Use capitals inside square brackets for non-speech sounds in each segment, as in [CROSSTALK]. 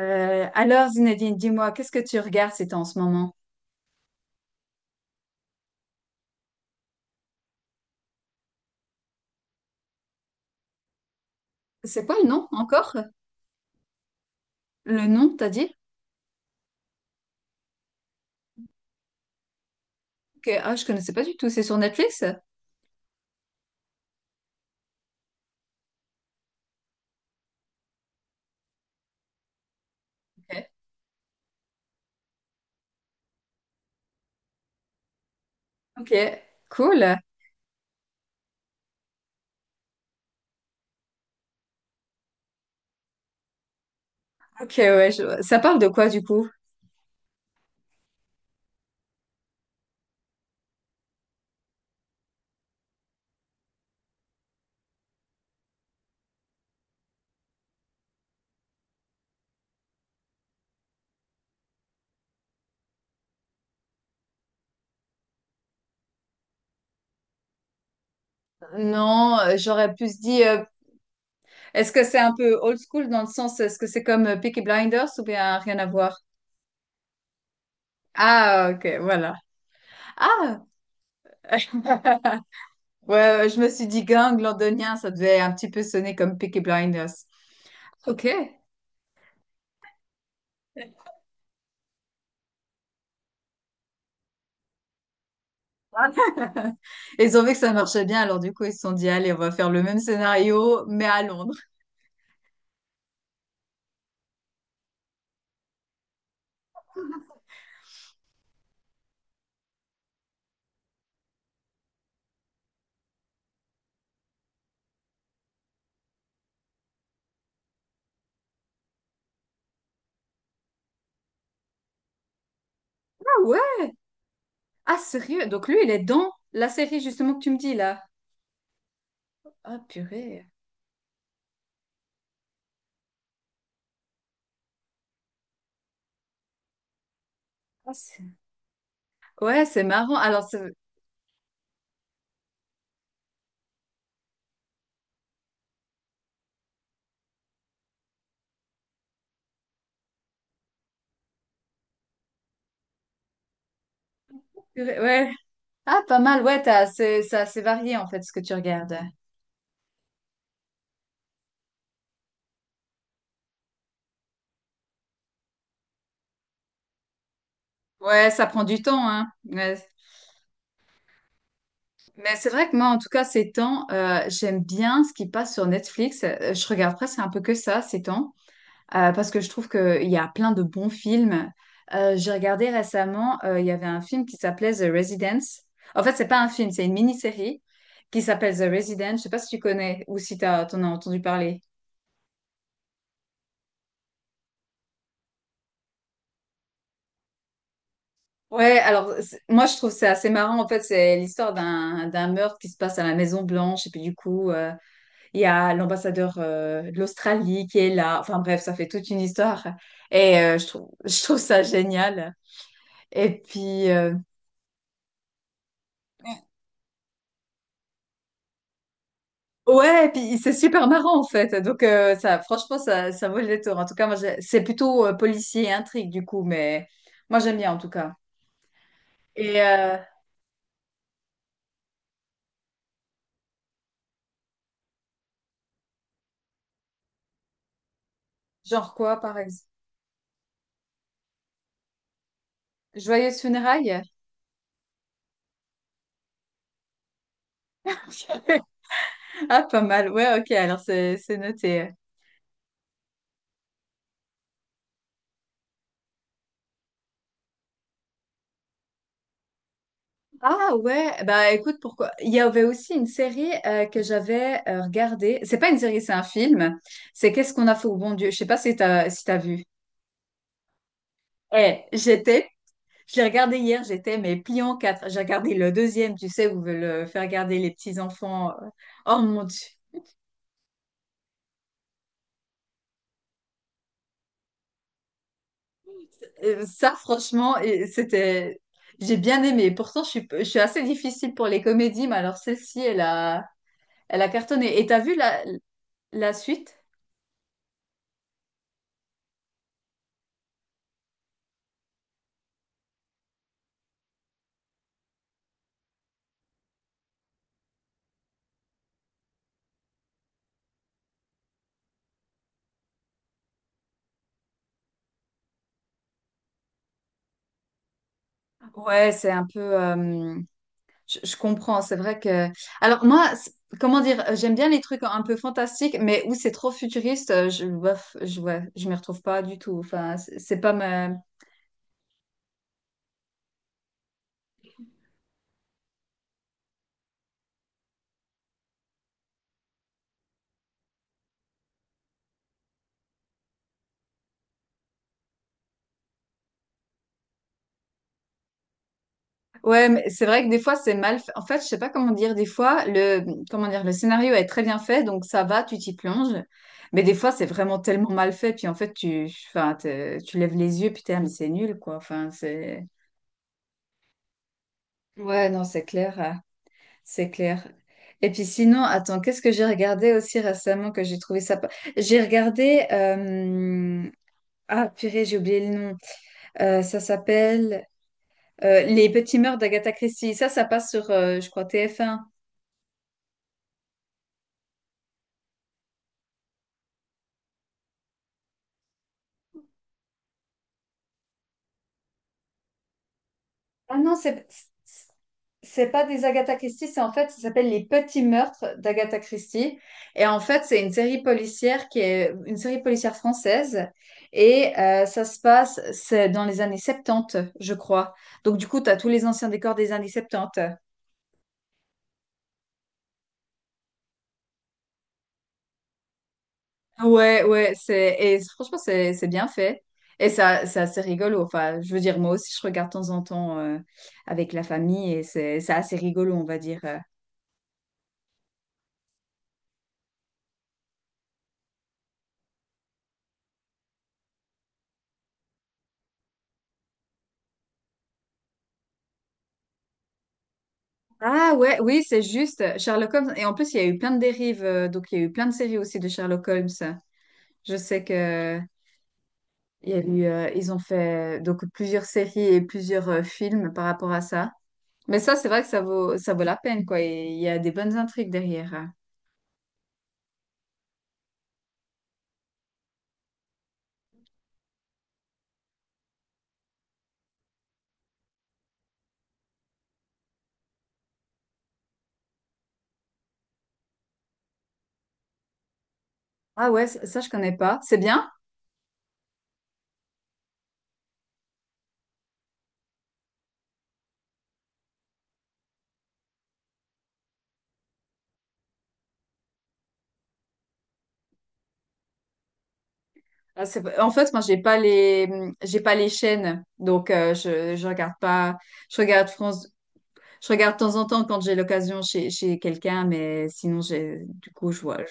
Alors, Zinedine, dis-moi, qu'est-ce que tu regardes c'est en ce moment? C'est quoi le nom encore? Le nom, t'as dit? Ok. Ah, je connaissais pas du tout. C'est sur Netflix? Ok. Ok, cool. Ok, ouais. Ça parle de quoi du coup? Non, j'aurais plus dit. Est-ce que c'est un peu old school dans le sens, est-ce que c'est comme Peaky Blinders ou bien rien à voir? Ah, ok, voilà. Ah, [LAUGHS] ouais, ouais, je me suis dit gang londonien, ça devait un petit peu sonner comme Peaky Blinders. Ok. [LAUGHS] Ils ont vu que ça marchait bien, alors du coup, ils se sont dit, allez, on va faire le même scénario, mais à Londres. Ah ouais? Ah sérieux? Donc lui, il est dans la série justement que tu me dis là. Ah purée. Ah, c'est- ouais, c'est marrant. Purée, ouais. Ah, pas mal. C'est assez varié en fait ce que tu regardes. Ouais, ça prend du temps, hein. Ouais. Mais c'est vrai que moi, en tout cas, ces temps, j'aime bien ce qui passe sur Netflix. Je regarde presque un peu que ça, ces temps. Parce que je trouve qu'il y a plein de bons films. J'ai regardé récemment, il y avait un film qui s'appelait The Residence. En fait, c'est pas un film, c'est une mini-série qui s'appelle The Residence. Je sais pas si tu connais ou si t'en as entendu parler. Moi je trouve c'est assez marrant. En fait, c'est l'histoire d'un meurtre qui se passe à la Maison Blanche et puis du coup il y a l'ambassadeur de l'Australie qui est là. Enfin bref, ça fait toute une histoire et je trouve ça génial. Et puis Ouais, et puis c'est super marrant en fait. Donc ça, franchement, ça vaut le détour. En tout cas, c'est plutôt policier et intrigue du coup, mais moi j'aime bien en tout cas. Et genre quoi, par exemple? Joyeuse funérailles? [LAUGHS] Ah, pas mal. Ouais, ok. Alors c'est noté. Ah ouais. Bah écoute, pourquoi? Il y avait aussi une série que j'avais regardée. C'est pas une série, c'est un film. C'est Qu'est-ce qu'on a fait au bon Dieu? Je sais pas si t'as vu. Eh, j'étais Je l'ai regardé hier, j'étais mais pliée en quatre. J'ai regardé le deuxième, tu sais, où veulent faire regarder les petits-enfants. Oh mon Dieu. Ça, franchement, et c'était... J'ai bien aimé. Pourtant, je suis assez difficile pour les comédies, mais alors celle-ci, elle a cartonné. Et t'as vu la suite? Ouais, c'est un peu... je comprends, c'est vrai que... Alors moi, c'est- comment dire, j'aime bien les trucs un peu fantastiques, mais où c'est trop futuriste, ouais, je m'y retrouve pas du tout. Enfin, c'est pas ma, Ouais, mais c'est vrai que des fois c'est mal fait. En fait, je sais pas comment dire. Des fois, le comment dire, le scénario est très bien fait, donc ça va, tu t'y plonges. Mais des fois, c'est vraiment tellement mal fait, puis en fait, tu lèves les yeux, puis putain, mais c'est nul, quoi. Enfin, c'est. Ouais, non, c'est clair. Et puis sinon, attends, qu'est-ce que j'ai regardé aussi récemment que j'ai trouvé ça. Pas- J'ai regardé. Ah, purée, j'ai oublié le nom. Ça s'appelle Les Petits Mœurs d'Agatha Christie. Ça passe sur, je crois, TF1. Ah non, c'est pas des Agatha Christie, c'est en fait, ça s'appelle Les Petits Meurtres d'Agatha Christie. Et en fait, c'est une série policière qui est une série policière française. Et ça se passe, c'est dans les années 70, je crois. Donc du coup, tu as tous les anciens décors des années 70. Ouais, ouais, c'est et franchement, c'est bien fait. Et ça, c'est assez rigolo. Enfin, je veux dire, moi aussi, je regarde de temps en temps avec la famille et c'est assez rigolo, on va dire. Ah ouais, oui, c'est juste. Sherlock Holmes. Et en plus, il y a eu plein de dérives. Donc, il y a eu plein de séries aussi de Sherlock Holmes. Je sais que il y a eu, ils ont fait donc plusieurs séries et plusieurs films par rapport à ça. Mais ça, c'est vrai que ça vaut la peine, quoi. Et il y a des bonnes intrigues derrière. Ah ouais, je connais pas. C'est bien? En fait, moi, j'ai pas les chaînes, donc je regarde pas. Je regarde France, je regarde de temps en temps quand j'ai l'occasion chez quelqu'un, mais sinon, j'ai, du coup,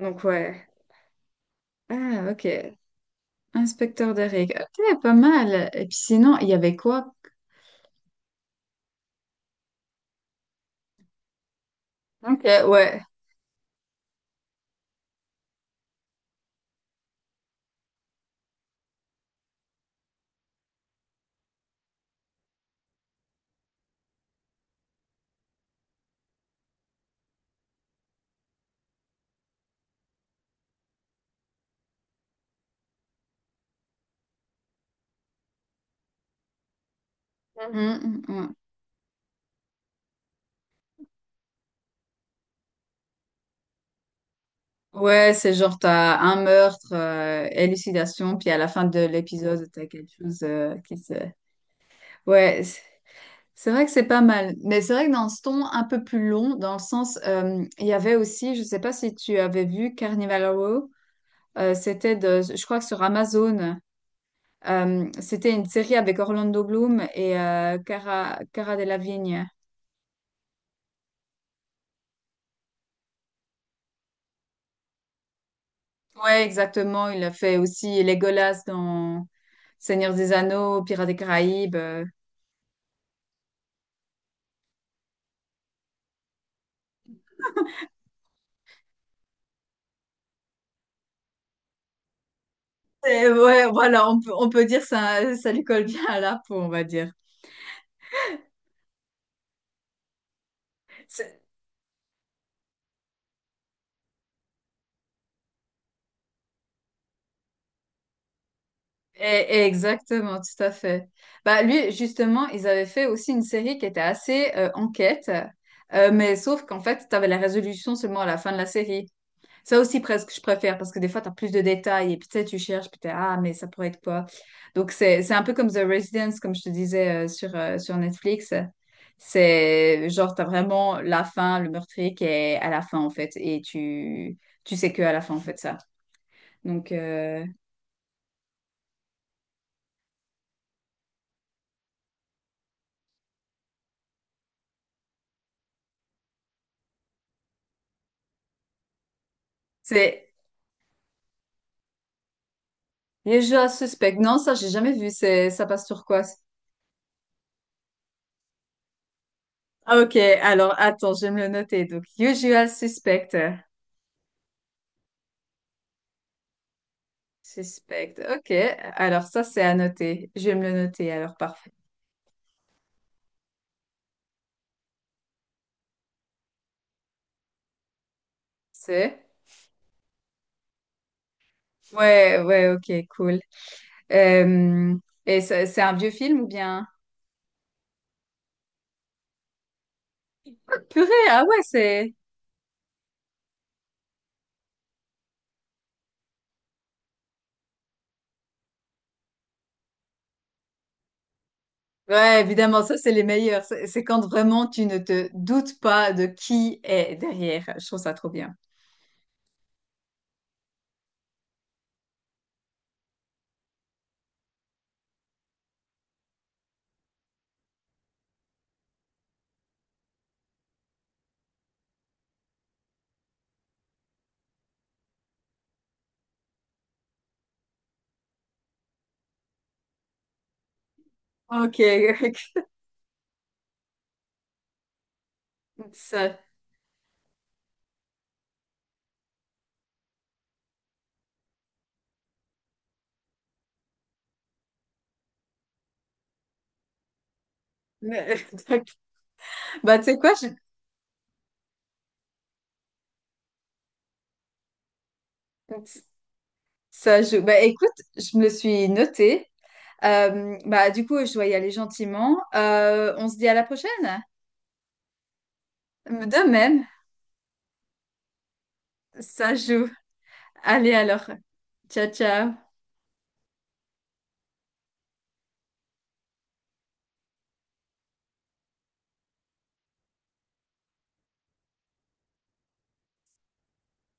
Donc ouais. Ah, ok. Inspecteur de règles. Ok, pas mal. Et puis sinon, il y avait quoi? Ok, ouais. Mhm, mhm. Ouais, c'est genre, t'as un meurtre, élucidation, puis à la fin de l'épisode, t'as quelque chose qui se... Ouais, c'est vrai que c'est pas mal. Mais c'est vrai que dans ce ton un peu plus long, dans le sens, il y avait aussi, je sais pas si tu avais vu Carnival Row, c'était de, je crois que sur Amazon, c'était une série avec Orlando Bloom et Cara Delevingne. Ouais, exactement. Il a fait aussi Legolas dans Seigneur des Anneaux, Pirates des Caraïbes. Et ouais, voilà, on peut dire ça, ça lui colle bien à la peau, on va dire. C'est- et- et exactement, tout à fait. Bah, lui, justement, ils avaient fait aussi une série qui était assez enquête, mais sauf qu'en fait, tu avais la résolution seulement à la fin de la série. Ça aussi, presque, je préfère, parce que des fois, tu as plus de détails, et puis tu sais, tu cherches, puis t'es, ah, mais ça pourrait être quoi? Donc, c'est un peu comme The Residence, comme je te disais, sur sur Netflix. C'est genre, tu as vraiment la fin, le meurtrier qui est à la fin, en fait, et tu sais que à la fin, en fait, ça. Donc, c'est déjà suspect. Non, ça, j'ai jamais vu. Ça passe sur quoi? Ah, ok, alors, attends, je vais me le noter. Donc, Usual Suspect. Suspect. Ok, alors ça, c'est à noter. Je vais me le noter, alors, parfait. C'est? Ouais, ok, cool. Euh, et c'est un vieux film ou bien? Purée, ah ouais, c'est... Ouais, évidemment, ça, c'est les meilleurs. C'est quand vraiment tu ne te doutes pas de qui est derrière. Je trouve ça trop bien. Ok, [LAUGHS] ça. [LAUGHS] Bah, tu sais quoi, je- ça joue. Bah, écoute, je me le suis noté. Bah, du coup, je dois y aller gentiment. On se dit à la prochaine. De même, ça joue. Allez alors. Ciao, ciao.